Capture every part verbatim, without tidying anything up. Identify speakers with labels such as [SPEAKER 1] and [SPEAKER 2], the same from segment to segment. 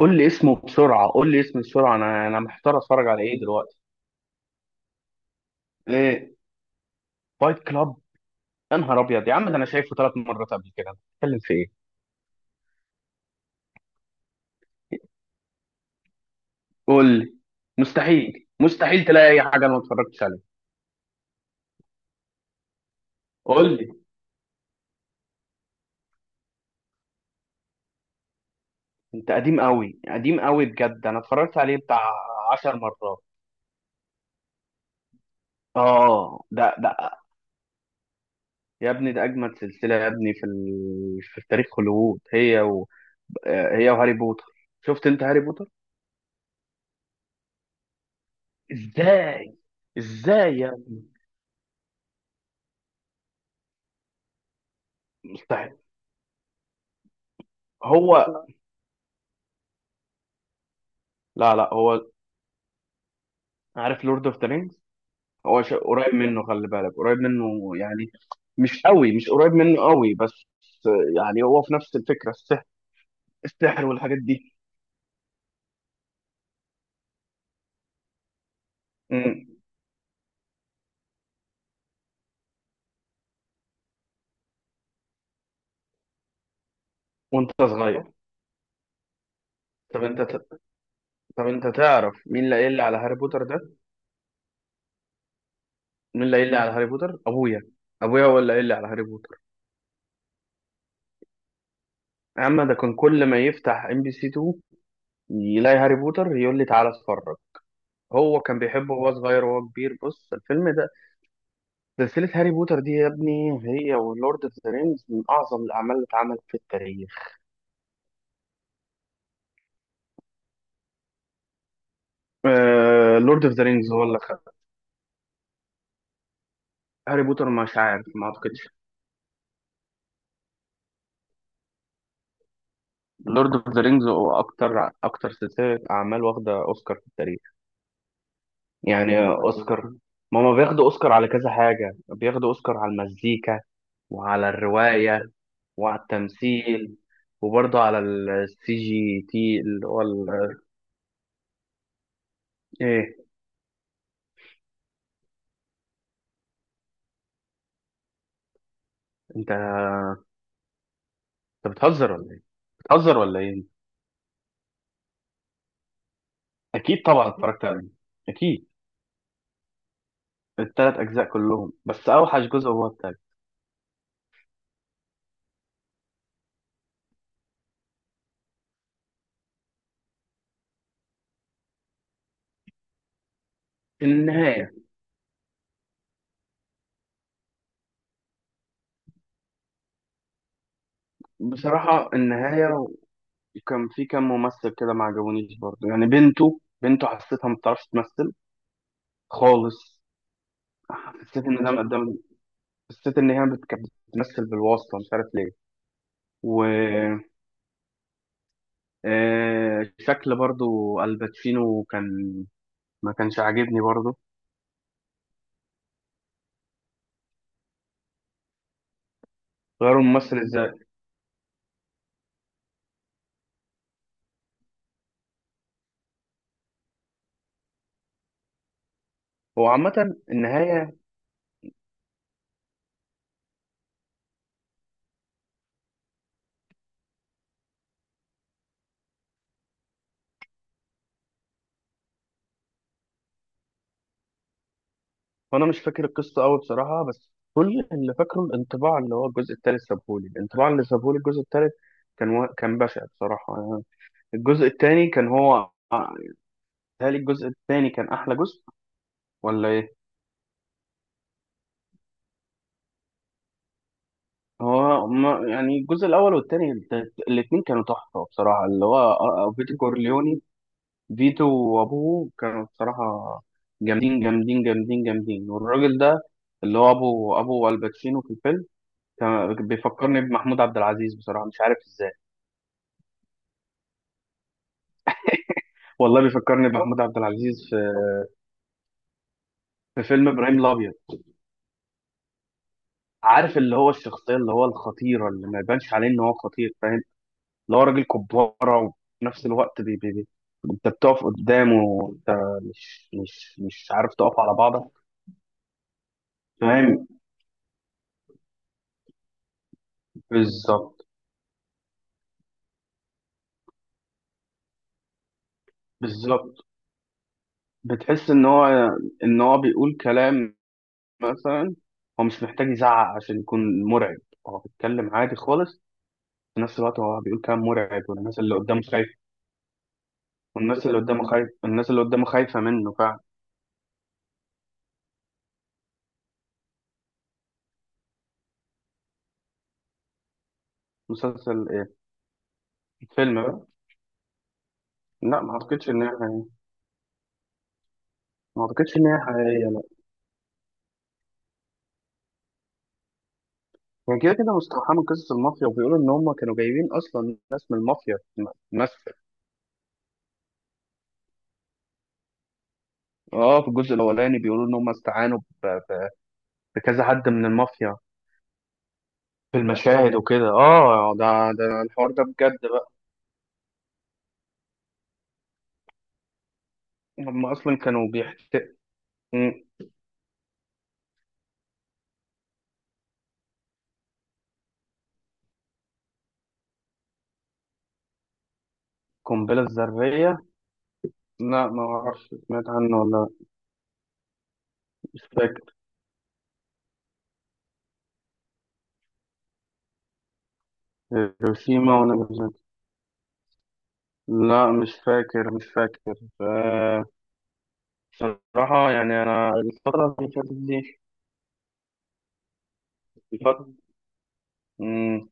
[SPEAKER 1] قول لي اسمه بسرعه قول لي اسمه بسرعه، انا انا محتار اتفرج على ايه دلوقتي؟ ايه؟ فايت كلاب. يا نهار ابيض يا عم، ده انا شايفه ثلاث مرات قبل كده، أنا بتكلم في ايه؟ قول لي. مستحيل مستحيل تلاقي اي حاجه انا ما اتفرجتش عليها. قول لي. انت قديم قوي قديم قوي بجد، انا اتفرجت عليه بتاع عشر مرات. اه، ده ده يا ابني ده اجمد سلسله يا ابني في ال... في تاريخ هوليوود، هي و... آه، هي وهاري بوتر. شفت انت هاري بوتر؟ ازاي؟ ازاي يا ابني؟ مستحيل. هو. لا لا، هو عارف لورد اوف ذا رينجز؟ هو ش- قريب منه، خلي بالك قريب منه يعني. مش قوي، مش قريب منه قوي، بس يعني هو في نفس الفكرة، السحر، السحر والحاجات دي. مم. وانت صغير. طب انت ت- طب انت تعرف مين اللي قايل لي على هاري بوتر ده؟ مين اللي قايل لي على هاري بوتر؟ ابويا. ابويا هو اللي قايل لي على هاري بوتر. يا عم ده كان كل ما يفتح ام بي سي اتنين يلاقي هاري بوتر، يقول لي تعالى اتفرج. هو كان بيحبه وهو صغير وهو كبير. بص الفيلم ده، سلسلة هاري بوتر دي يا ابني هي ولورد اوف ذا رينجز من أعظم الأعمال اللي اتعملت في التاريخ. آه، لورد اوف ذا رينجز هو اللي خد. هاري بوتر مش عارف، ما أعتقدش. لورد اوف ذا رينجز هو أكتر أكتر سلسلة أعمال واخدة أوسكار في التاريخ. يعني أوسكار، ما هما بياخدوا أوسكار على كذا حاجة، بياخدوا أوسكار على المزيكا، وعلى الرواية، وعلى التمثيل، وبرضه على السي جي تي اللي هو ال- إيه؟ أنت أنت بتهزر ولا إيه؟ بتهزر ولا إيه؟ اكيد طبعا اتفرجت عليه. اكيد. الثلاث اجزاء كلهم، بس اوحش جزء هو التالت. النهايه. بصراحه، النهايه. وكان في كام ممثل كده ما عجبونيش برضه، يعني بنته بنته حسيتها ما بتعرفش تمثل خالص. حسيت ان ده قدام. حسيت ان هي بت- كانت بتمثل بالواسطه، مش عارف ليه. و آه، شكل برضه، الباتشينو كان ما كانش عاجبني برضه. غيروا الممثل ازاي؟ هو عامه النهايه، وانا مش فاكر القصه قوي بصراحه، بس كل اللي فاكره الانطباع اللي هو الجزء الثالث سابهولي، الانطباع اللي سابهولي الجزء الثالث كان و... كان بشع بصراحه يعني. الجزء الثاني كان هو. هل الجزء الثاني كان احلى جزء ولا ايه؟ هو ما... يعني الجزء الاول والثاني، الاثنين كانوا تحفه بصراحه، اللي هو آه، آه، فيتو كورليوني. فيتو وابوه كانوا بصراحه جامدين جامدين جامدين جامدين، والراجل ده اللي هو ابو ابو الباتشينو في الفيلم كان بيفكرني بمحمود عبد العزيز بصراحه، مش عارف ازاي. والله بيفكرني بمحمود عبد العزيز في في فيلم ابراهيم الابيض. عارف اللي هو الشخصيه، اللي هو الخطيره، اللي ما يبانش عليه ان هو خطير، فاهم؟ اللي هو راجل كباره، وفي نفس الوقت بي بي بي. انت بتقف قدامه، انت مش مش مش عارف تقف على بعضك. فاهم؟ بالظبط. بالظبط. بتحس ان هو ان هو بيقول كلام، مثلا. هو مش محتاج يزعق عشان يكون مرعب، هو بيتكلم عادي خالص، في نفس الوقت هو بيقول كلام مرعب والناس اللي قدامه خايفه. والناس اللي قدامه خايف الناس اللي قدامه خايفة منه فعلا. مسلسل ايه؟ فيلم بقى. لا ما اعتقدش ان هي حقيقية. ما اعتقدش ان هي حقيقية، لا. هي كده كده مستوحاة من قصص المافيا، وبيقولوا ان هم كانوا جايبين اصلا ناس من المافيا تمثل. اه، في الجزء الاولاني بيقولوا ان هم استعانوا ب- ب- بكذا حد من المافيا في المشاهد وكده. اه، ده ده الحوار ده بجد بقى. هم اصلا كانوا بيحتقوا. القنبلة الذرية؟ لا ما اعرفش، سمعت عنه ولا لأ. مش فاكر. هيروشيما وناجازاكي. لا مش فاكر، مش فاكر. آه، بصراحة يعني أنا الفترة اللي فاتت دي. الفترة. مم،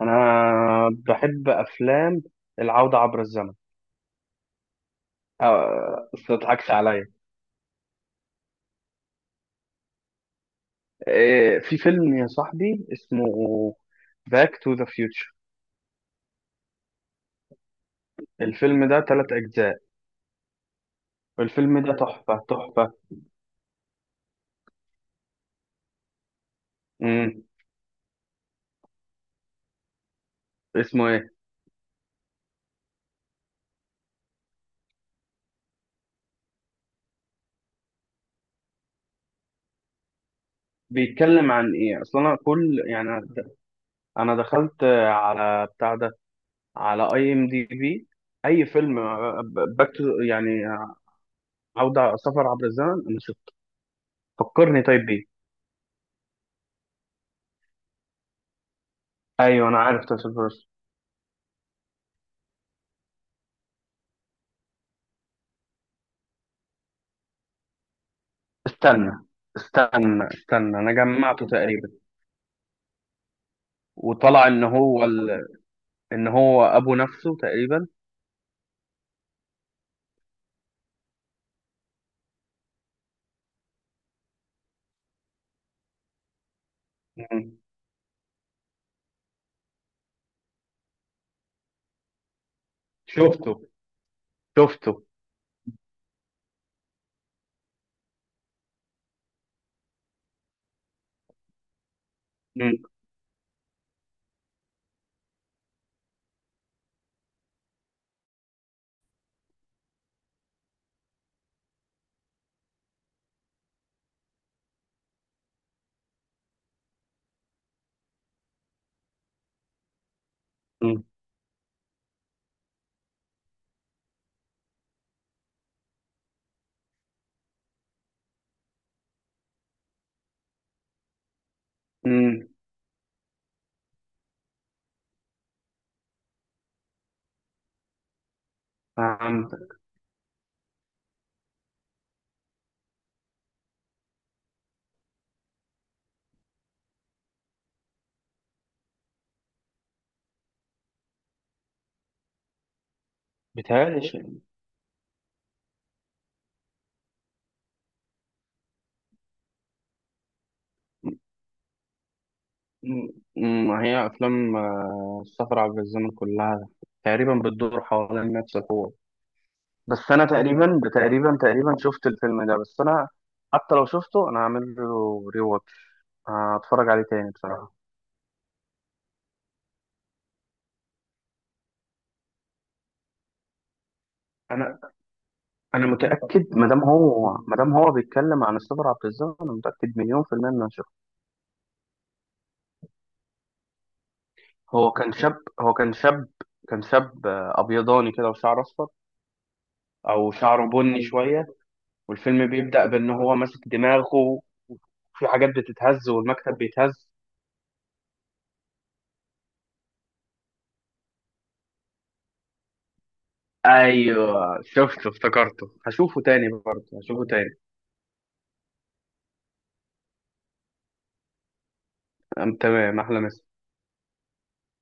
[SPEAKER 1] أنا بحب أفلام العودة عبر الزمن. آه، بس ما تضحكش عليا. آه، في فيلم يا صاحبي اسمه باك تو ذا فيوتشر. الفيلم ده تلات أجزاء. الفيلم ده تحفة تحفة. مم. اسمه إيه؟ بيتكلم عن إيه؟ أصلا أنا كل يعني، أنا دخلت على بتاع ده، على اي ام دي بي، اي فيلم باك تو، يعني عوده، سفر عبر الزمن، انا شفته، فكرني طيب بيه. ايوه انا عارف تاسل فرس. استنى، استنى استنى، انا جمعته تقريبا، وطلع ان هو ال... ان هو ابو نفسه تقريبا. مم. شفته. شفته. مم. مم. مم. فهمت. بيتهيألي ش- مم. مم. هي افلام آه، السفر عبر الزمن كلها تقريبا بتدور حوالين نفس الحوار. بس انا تقريبا تقريبا تقريبا شفت الفيلم ده، بس انا حتى لو شفته انا هعمل له ري واتش، هتفرج عليه تاني بصراحه. انا انا متاكد، ما دام هو ما دام هو بيتكلم عن السفر عبر الزمن، انا متاكد مليون في الميه ان انا شفته. هو كان شاب، هو كان شاب، كان شاب آه، ابيضاني كده، وشعر اصفر، او شعره بني شويه. والفيلم بيبدا بان هو ماسك دماغه، وفي حاجات بتتهز والمكتب بيتهز. ايوه شفته، افتكرته، هشوفه تاني برضه، هشوفه تاني. أم تمام. أحلى مسا.